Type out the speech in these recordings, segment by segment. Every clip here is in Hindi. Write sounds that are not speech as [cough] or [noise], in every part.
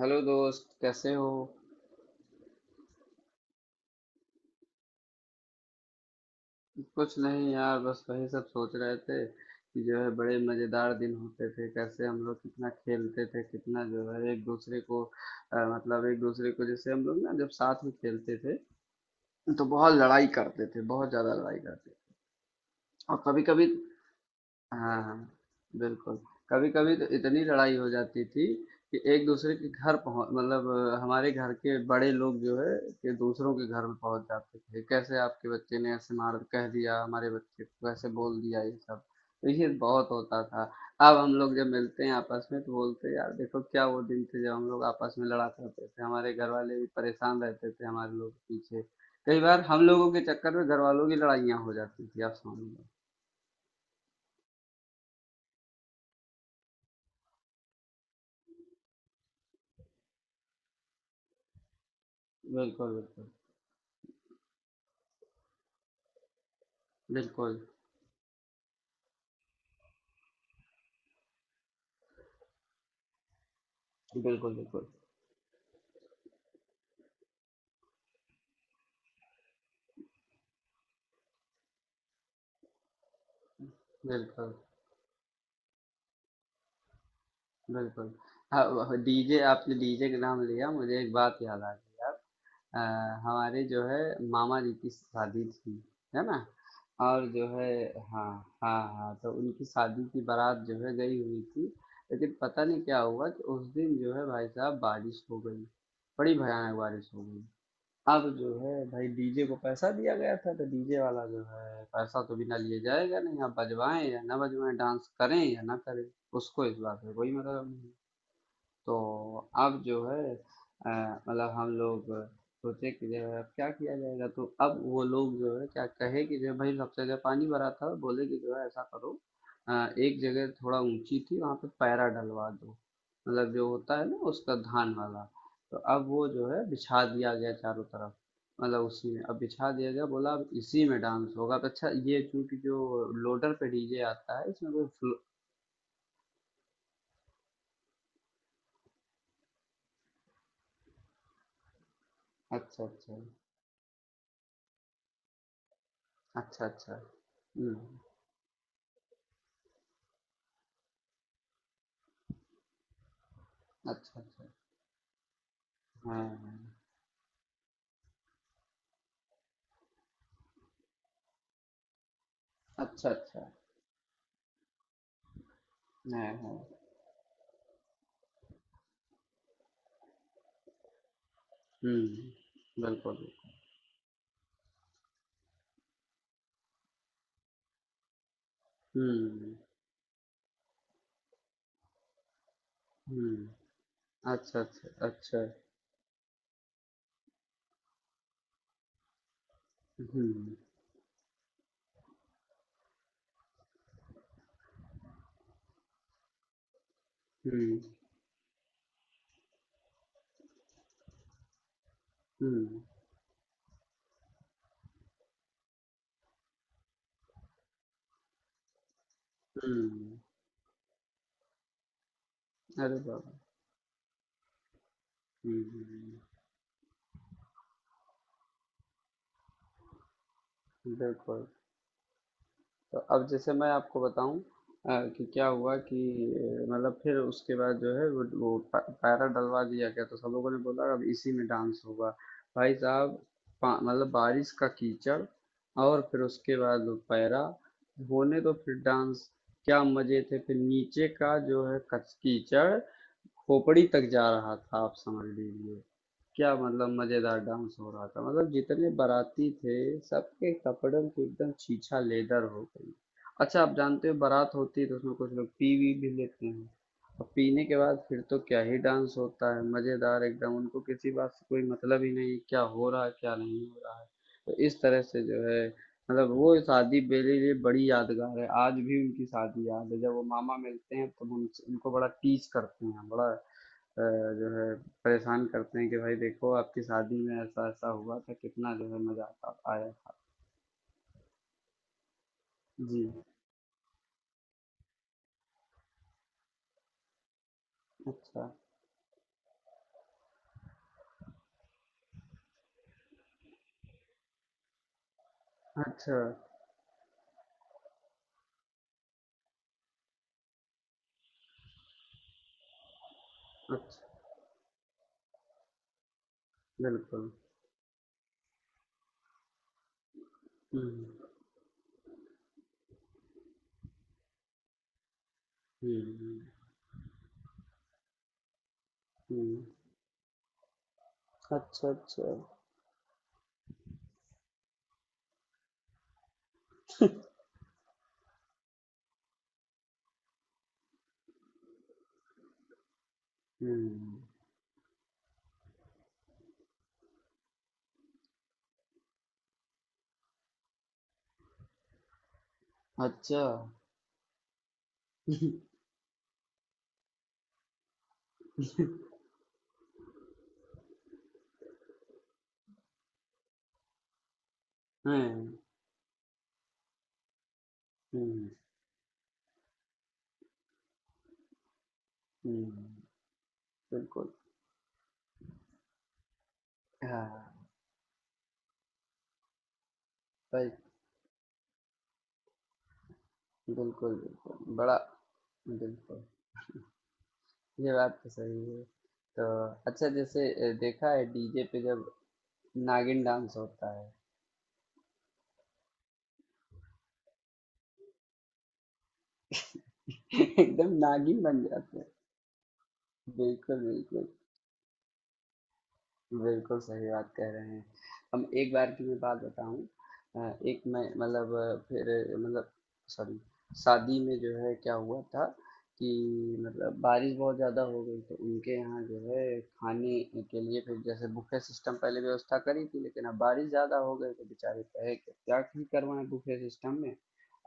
हेलो दोस्त, कैसे हो? कुछ नहीं यार, बस वही सब सोच रहे थे कि जो है बड़े मजेदार दिन होते थे। कैसे हम लोग कितना खेलते थे, कितना जो है एक दूसरे को मतलब एक दूसरे को, जैसे हम लोग ना जब साथ में खेलते थे तो बहुत लड़ाई करते थे, बहुत ज्यादा लड़ाई करते थे। और कभी कभी हाँ हाँ बिल्कुल। कभी कभी तो इतनी लड़ाई हो जाती थी कि एक दूसरे के घर पहुंच मतलब हमारे घर के बड़े लोग जो है कि दूसरों के घर में पहुंच जाते थे। कैसे आपके बच्चे ने ऐसे मार कह दिया, हमारे बच्चे को ऐसे बोल दिया, ये सब तो ये बहुत होता था। अब हम लोग जब मिलते हैं आपस में तो बोलते हैं, यार देखो क्या वो दिन थे जब हम लोग आपस में लड़ा करते थे। हमारे घर वाले भी परेशान रहते थे हमारे लोग के पीछे। कई बार हम लोगों के चक्कर में घर वालों की लड़ाइयाँ हो जाती थी, आप समझ लो। बिल्कुल बिल्कुल बिल्कुल। बिल्कुल, बिल्कुल। बिल्कुल, बिल्कुल। हाँ, डीजे आपने डीजे का नाम लिया, मुझे एक बात याद आ गई यार। हमारे जो है मामा जी की शादी थी, है ना? और जो है हाँ, हाँ, हाँ, तो उनकी शादी की बारात जो है गई हुई थी, लेकिन पता नहीं क्या हुआ कि उस दिन जो है भाई साहब बारिश हो गई, बड़ी भयानक बारिश हो गई। अब जो है भाई डीजे को पैसा दिया गया था, तो डीजे वाला जो है पैसा तो बिना लिए जाएगा नहीं। आप बजवाएं या ना बजवाएं, डांस करें या ना करें, उसको इस बात में कोई मतलब नहीं। तो अब जो है अ, मतलब हम लोग सोचे कि जो है अब क्या किया जाएगा। तो अब वो लोग जो है क्या कहे कि जो है भाई सबसे जगह पानी भरा था, बोले कि जो है ऐसा करो, अ, एक जगह थोड़ा ऊंची थी वहां पे पैरा डलवा दो, मतलब जो होता है ना उसका धान वाला। तो अब वो जो है बिछा दिया गया चारों तरफ, मतलब उसी में अब बिछा दिया गया। बोला अब इसी में डांस होगा। अब अच्छा, ये चूंकि जो लोडर पे डीजे आता है इसमें कोई अच्छा अच्छा अच्छा अच्छा हम्म अच्छा, अच्छा। हाँ, हाँ। अच्छा, अच्छा। हाँ, हाँ। हुँ। बिल्कुल, बिल्कुल। हुँ, हुँ। अच्छा, अच्छा, अच्छा। हुँ, हुँ, हुँ, हुँ। अरे वाह! हुँ, हुँ, हुँ। बिल्कुल। तो अब जैसे मैं आपको बताऊं, कि क्या हुआ कि मतलब फिर उसके बाद जो है पैरा डलवा दिया गया, तो सब लोगों ने बोला अब इसी में डांस होगा। भाई साहब मतलब बारिश का कीचड़ और फिर उसके बाद वो पैरा होने, तो फिर डांस। क्या मजे थे! फिर नीचे का जो है कच कीचड़ खोपड़ी तक जा रहा था, आप समझ लीजिए। क्या मतलब मज़ेदार डांस हो रहा था, मतलब जितने बाराती थे सबके कपड़ों की एकदम छीछा लेदर हो गई। अच्छा, आप जानते हो बारात होती है तो उसमें कुछ लोग पी वी भी लेते हैं, और पीने के बाद फिर तो क्या ही डांस होता है मज़ेदार एकदम। उनको किसी बात से कोई मतलब ही नहीं क्या हो रहा है क्या नहीं हो रहा है। तो इस तरह से जो है, मतलब वो शादी मेरे लिए बड़ी यादगार है, आज भी उनकी शादी याद है। जब वो मामा मिलते हैं तो हम उनसे- उनको बड़ा टीज करते हैं, बड़ा अ, जो है परेशान करते हैं कि भाई देखो आपकी शादी में ऐसा ऐसा हुआ था, कितना जो है मजा आता आया था। जी अच्छा अच्छा अच्छा बिल्कुल हम्म हम्म हम्म अच्छा अच्छा हम्म अच्छा [laughs] हम्म हम्म हम्म, बिल्कुल हाँ सही बिल्कुल, बिल्कुल। बड़ा बिल्कुल, ये बात तो सही है। तो अच्छा जैसे देखा है डीजे पे जब नागिन डांस होता है, [laughs] एकदम नागिन बन जाते हैं। बिल्कुल, बिल्कुल। बिल्कुल सही बात कह रहे हैं। हम एक बार की मैं बात बताऊँ। एक मैं मतलब फिर मतलब सॉरी, शादी में जो है क्या हुआ था कि मतलब बारिश बहुत ज़्यादा हो गई, तो उनके यहाँ जो है खाने के लिए फिर जैसे बुफे सिस्टम पहले व्यवस्था करी थी, लेकिन अब बारिश ज़्यादा हो गई तो बेचारे कहे कि क्या ही करवाएं बुफे सिस्टम में,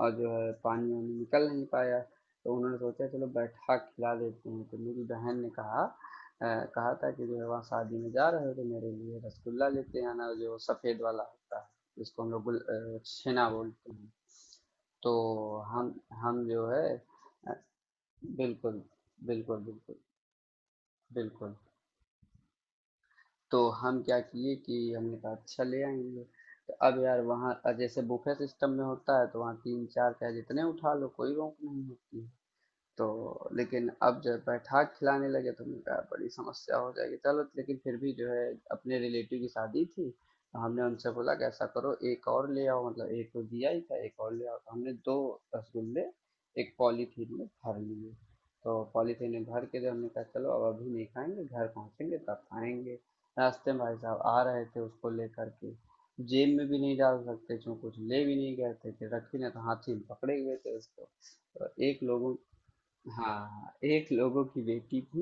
और जो है पानी वानी निकल नहीं पाया। तो उन्होंने सोचा चलो बैठा खिला देते हैं। तो मेरी बहन ने कहा, अ, कहा था कि जो है वहाँ शादी में जा रहे हो तो मेरे लिए रसगुल्ला लेते आना, जो सफ़ेद वाला होता है, जिसको हम लोग छेना बोलते हैं। तो हम हम जो है अ, बिल्कुल बिल्कुल बिल्कुल बिल्कुल। तो हम क्या किए कि हमने कहा अच्छा ले आएंगे। तो अब यार वहाँ जैसे बुफे सिस्टम में होता है तो वहाँ तीन चार चाहे जितने उठा लो, कोई रोक नहीं होती है। तो लेकिन अब जब बैठा के खिलाने लगे तो हमने कहा बड़ी समस्या हो जाएगी, चलो लेकिन फिर भी जो है अपने रिलेटिव की शादी थी तो हमने उनसे बोला कि ऐसा करो एक और ले आओ, मतलब एक तो दिया ही था, एक और ले आओ। तो हमने दो रसगुल्ले एक पॉलीथीन में भर लिए। तो पॉलीथीन में भर के जब हमने कहा चलो अब अभी नहीं खाएंगे, घर पहुंचेंगे तब खाएंगे। रास्ते में भाई साहब आ रहे थे उसको लेकर के, जेब में भी नहीं डाल सकते क्यों, कुछ ले भी नहीं गए थे कि रखी ना, तो हाथी में पकड़े हुए थे उसको। तो एक लोगों हाँ, एक लोगों की बेटी थी,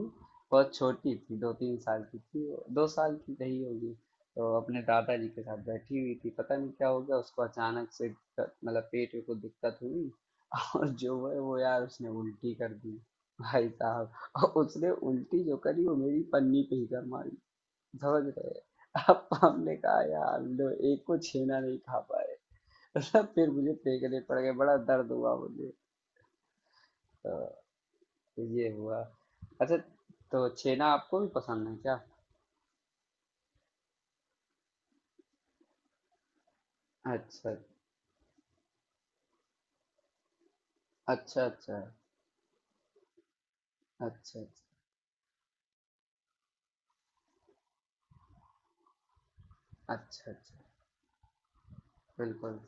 बहुत छोटी थी, 2 3 साल की थी, 2 साल की रही होगी। तो अपने दादाजी के साथ बैठी हुई थी, पता नहीं क्या हो गया उसको अचानक से मतलब पेट में कुछ दिक्कत हुई, [laughs] और जो है वो यार उसने उल्टी कर दी। भाई साहब, और उसने उल्टी जो करी वो मेरी पन्नी पे ही कर मारी, समझ रहे। अब हमने कहा यार लो, एक को छेना नहीं खा पाए। [laughs] फिर मुझे फेंकने पड़ गए, बड़ा दर्द हुआ मुझे। तो तो ये हुआ। अच्छा, तो छेना आपको भी पसंद है क्या? अच्छा अच्छा अच्छा अच्छा अच्छा अच्छा अच्छा बिल्कुल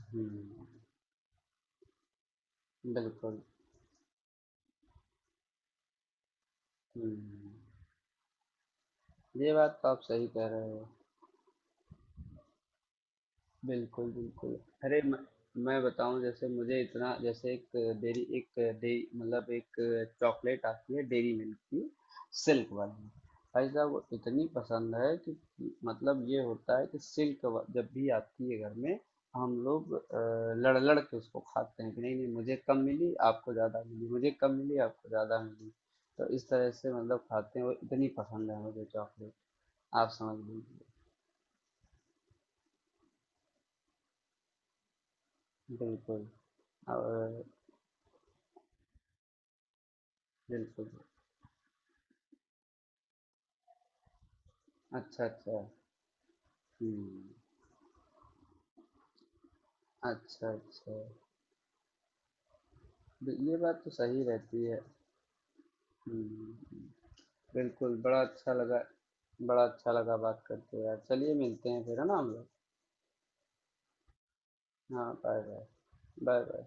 हम्म बिल्कुल हम्म ये बात तो आप सही कह रहे हो। बिल्कुल, बिल्कुल। अरे म मैं बताऊँ, जैसे मुझे इतना जैसे एक डेयरी एक डे मतलब एक चॉकलेट आती है डेयरी मिल्क की, सिल्क वाली। भाई साहब वो इतनी पसंद है कि मतलब ये होता है कि सिल्क व जब भी आती है घर में, हम लोग लड़-लड़ के उसको खाते हैं कि नहीं, नहीं मुझे कम मिली, आपको ज़्यादा मिली, मुझे कम मिली, आपको ज़्यादा मिली। तो इस तरह से मतलब खाते हैं और इतनी पसंद है मुझे चॉकलेट, आप समझ लीजिए। बिल्कुल और बिल्कुल। अच्छा, अच्छा। हुँ। अच्छा, अच्छा। ब ये बात तो सही रहती है। हुँ, बिल्कुल, बड़ा अच्छा लगा, बड़ा अच्छा लगा बात करके यार। चलिए मिलते हैं फिर, है ना हम लोग? हाँ, बाय-बाय। बाय-बाय।